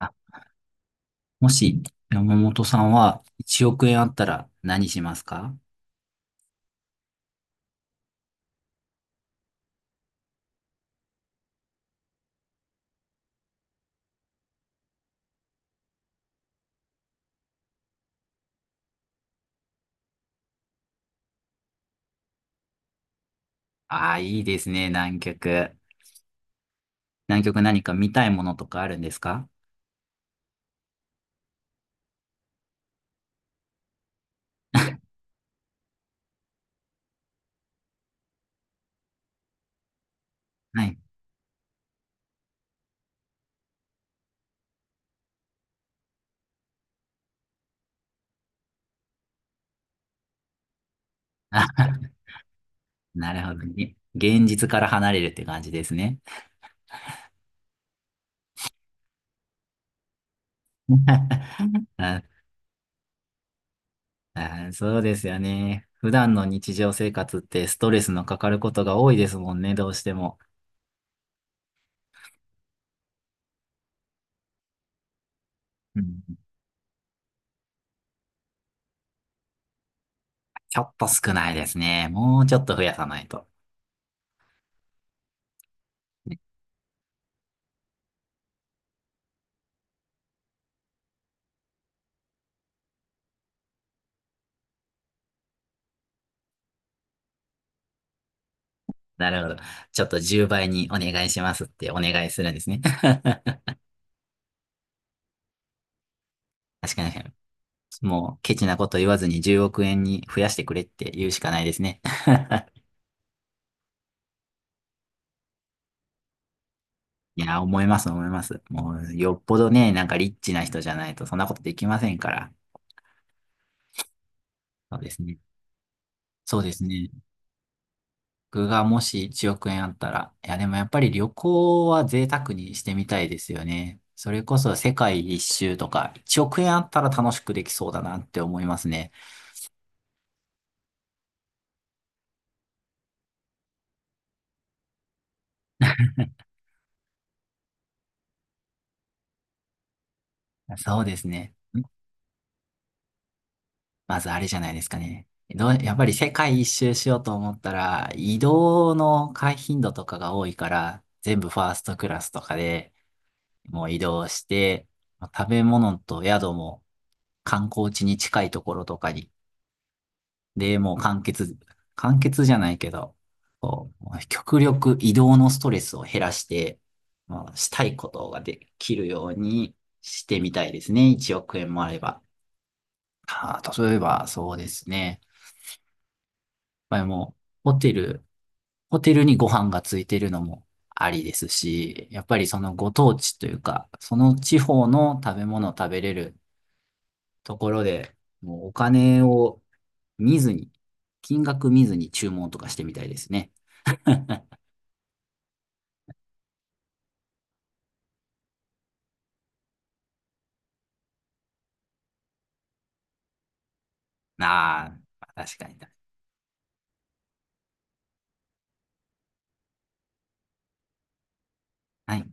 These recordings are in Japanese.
あもし、山本さんは1億円あったら何しますか？ああー、いいですね、南極。南極何か見たいものとかあるんですか？はい。あ、なるほどね。現実から離れるって感じですね。あ、あ、そうですよね。普段の日常生活ってストレスのかかることが多いですもんね、どうしても。うん、ちょっと少ないですね。もうちょっと増やさないと。ね。なるほど。ちょっと10倍にお願いしますってお願いするんですね。確かに。もうケチなこと言わずに10億円に増やしてくれって言うしかないですね。いや、思います思います。もうよっぽどね、なんかリッチな人じゃないとそんなことできませんから。そうですね。そうですね。僕がもし1億円あったら、いやでもやっぱり旅行は贅沢にしてみたいですよね。それこそ世界一周とか1億円あったら楽しくできそうだなって思いますね。そうですね。まずあれじゃないですかね。やっぱり世界一周しようと思ったら、移動の回頻度とかが多いから、全部ファーストクラスとかでもう移動して、食べ物と宿も観光地に近いところとかに、で、もう完結、完結じゃないけど、こう、極力移動のストレスを減らして、まあ、したいことができるようにしてみたいですね。1億円もあれば。ああ、例えば、そうですね。ぱりもう、ホテルにご飯がついてるのもありですし、やっぱりそのご当地というか、その地方の食べ物を食べれるところで、もうお金を見ずに、金額見ずに注文とかしてみたいですね。あーまあ、確かに。はい。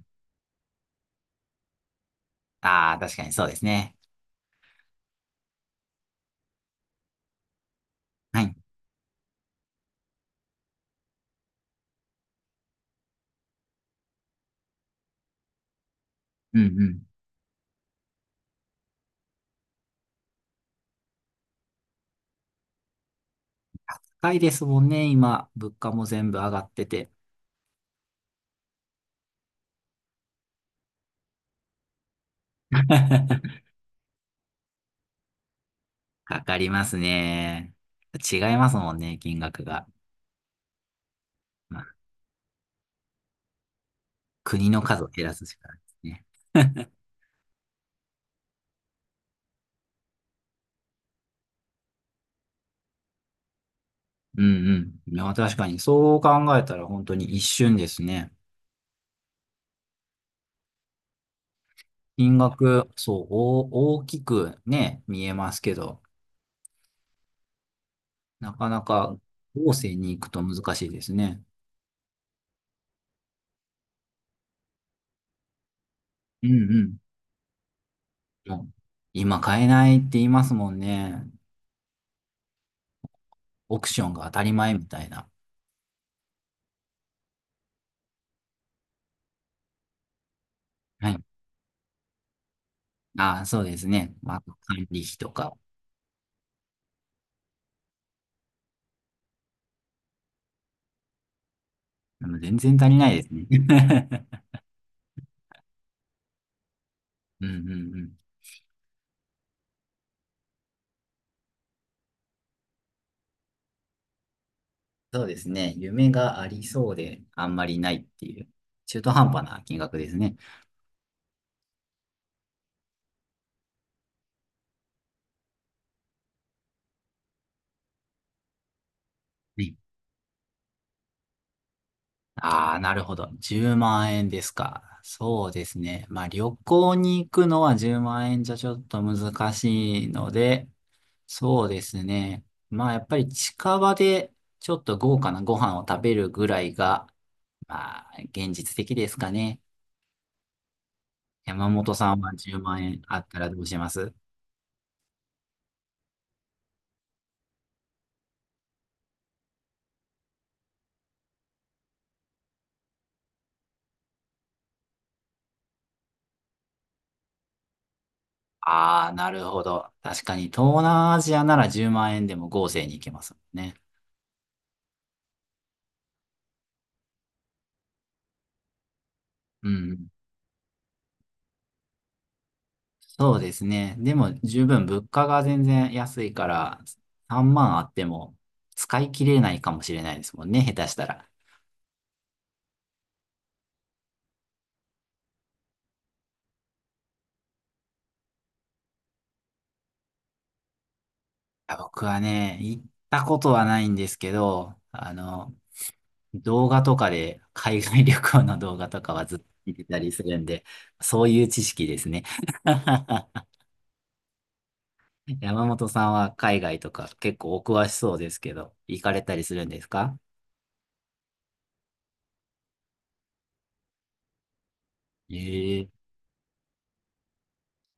ああ、確かにそうですね。はい。うんうん。高いですもんね、今。物価も全部上がってて。かかりますね。違いますもんね、金額が。うん。国の数を減らすしかないですね。うんうん。いや、確かに、そう考えたら本当に一瞬ですね。金額、そう、お大きくね、見えますけど、なかなか後世に行くと難しいですね。うんうん。もう今買えないって言いますもんね。オークションが当たり前みたいな。はい。ああ、そうですね。まあ、管理費とか。でも全然足りないですね。うんうんうん。そうですね。夢がありそうで、あんまりないっていう、中途半端な金額ですね。はい。ああ、なるほど。10万円ですか。そうですね。まあ、旅行に行くのは10万円じゃちょっと難しいので、そうですね。まあ、やっぱり近場でちょっと豪華なご飯を食べるぐらいが、まあ、現実的ですかね。山本さんは10万円あったらどうします？ああ、なるほど。確かに、東南アジアなら10万円でも豪勢に行けますもんね。うん。そうですね。でも、十分物価が全然安いから、3万あっても使い切れないかもしれないですもんね、下手したら。いや、僕はね、行ったことはないんですけど、動画とかで、海外旅行の動画とかはずっと見てたりするんで、そういう知識ですね。山本さんは海外とか結構お詳しそうですけど、行かれたりするんですか？ええ。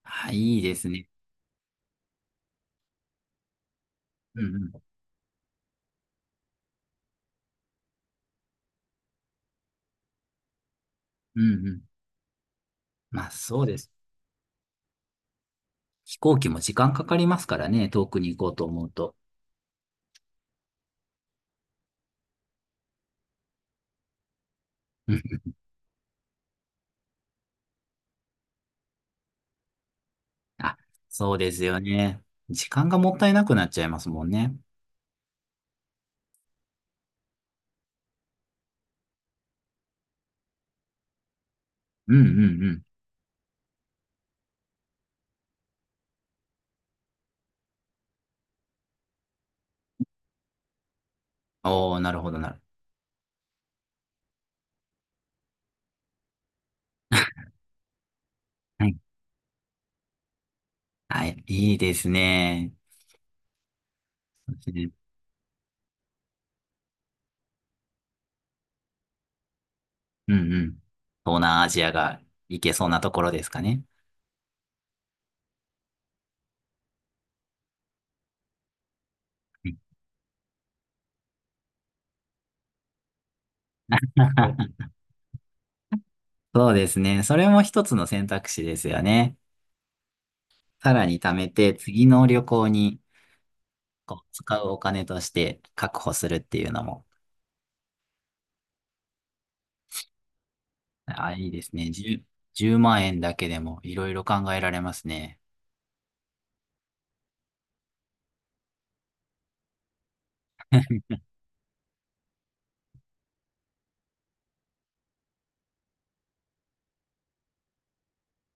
あ、いいですね。うんうん。うんうん。まあそうです。飛行機も時間かかりますからね、遠くに行こうと思うと。うんうん。あ、そうですよね。時間がもったいなくなっちゃいますもんね。うんうんうん。おー、なるほどなるほど。はい。はい、いいですね。そうですね。うんうん。東南アジアが行けそうなところですかね。そうですね。それも一つの選択肢ですよね。さらに貯めて、次の旅行にこう使うお金として確保するっていうのも、あ、いいですね。10万円だけでもいろいろ考えられますね。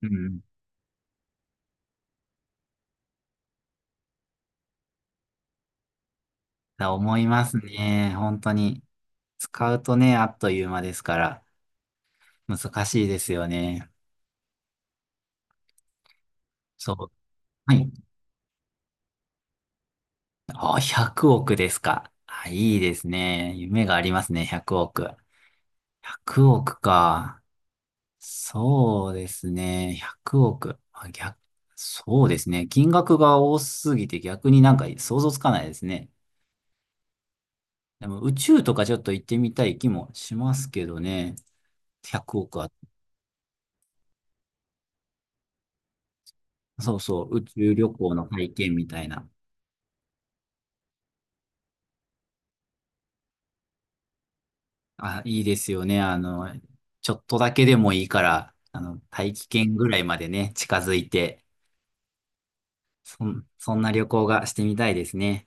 うん。だ思いますね。本当に。使うとね、あっという間ですから、難しいですよね。そう。はい。あ、100億ですか。あ、いいですね。夢がありますね、100億。100億か。そうですね。100億。あ、逆、そうですね。金額が多すぎて逆になんか想像つかないですね。でも宇宙とかちょっと行ってみたい気もしますけどね。100億は。そうそう。宇宙旅行の体験みたいな。あ、いいですよね。ちょっとだけでもいいから、大気圏ぐらいまでね、近づいて、そんな旅行がしてみたいですね。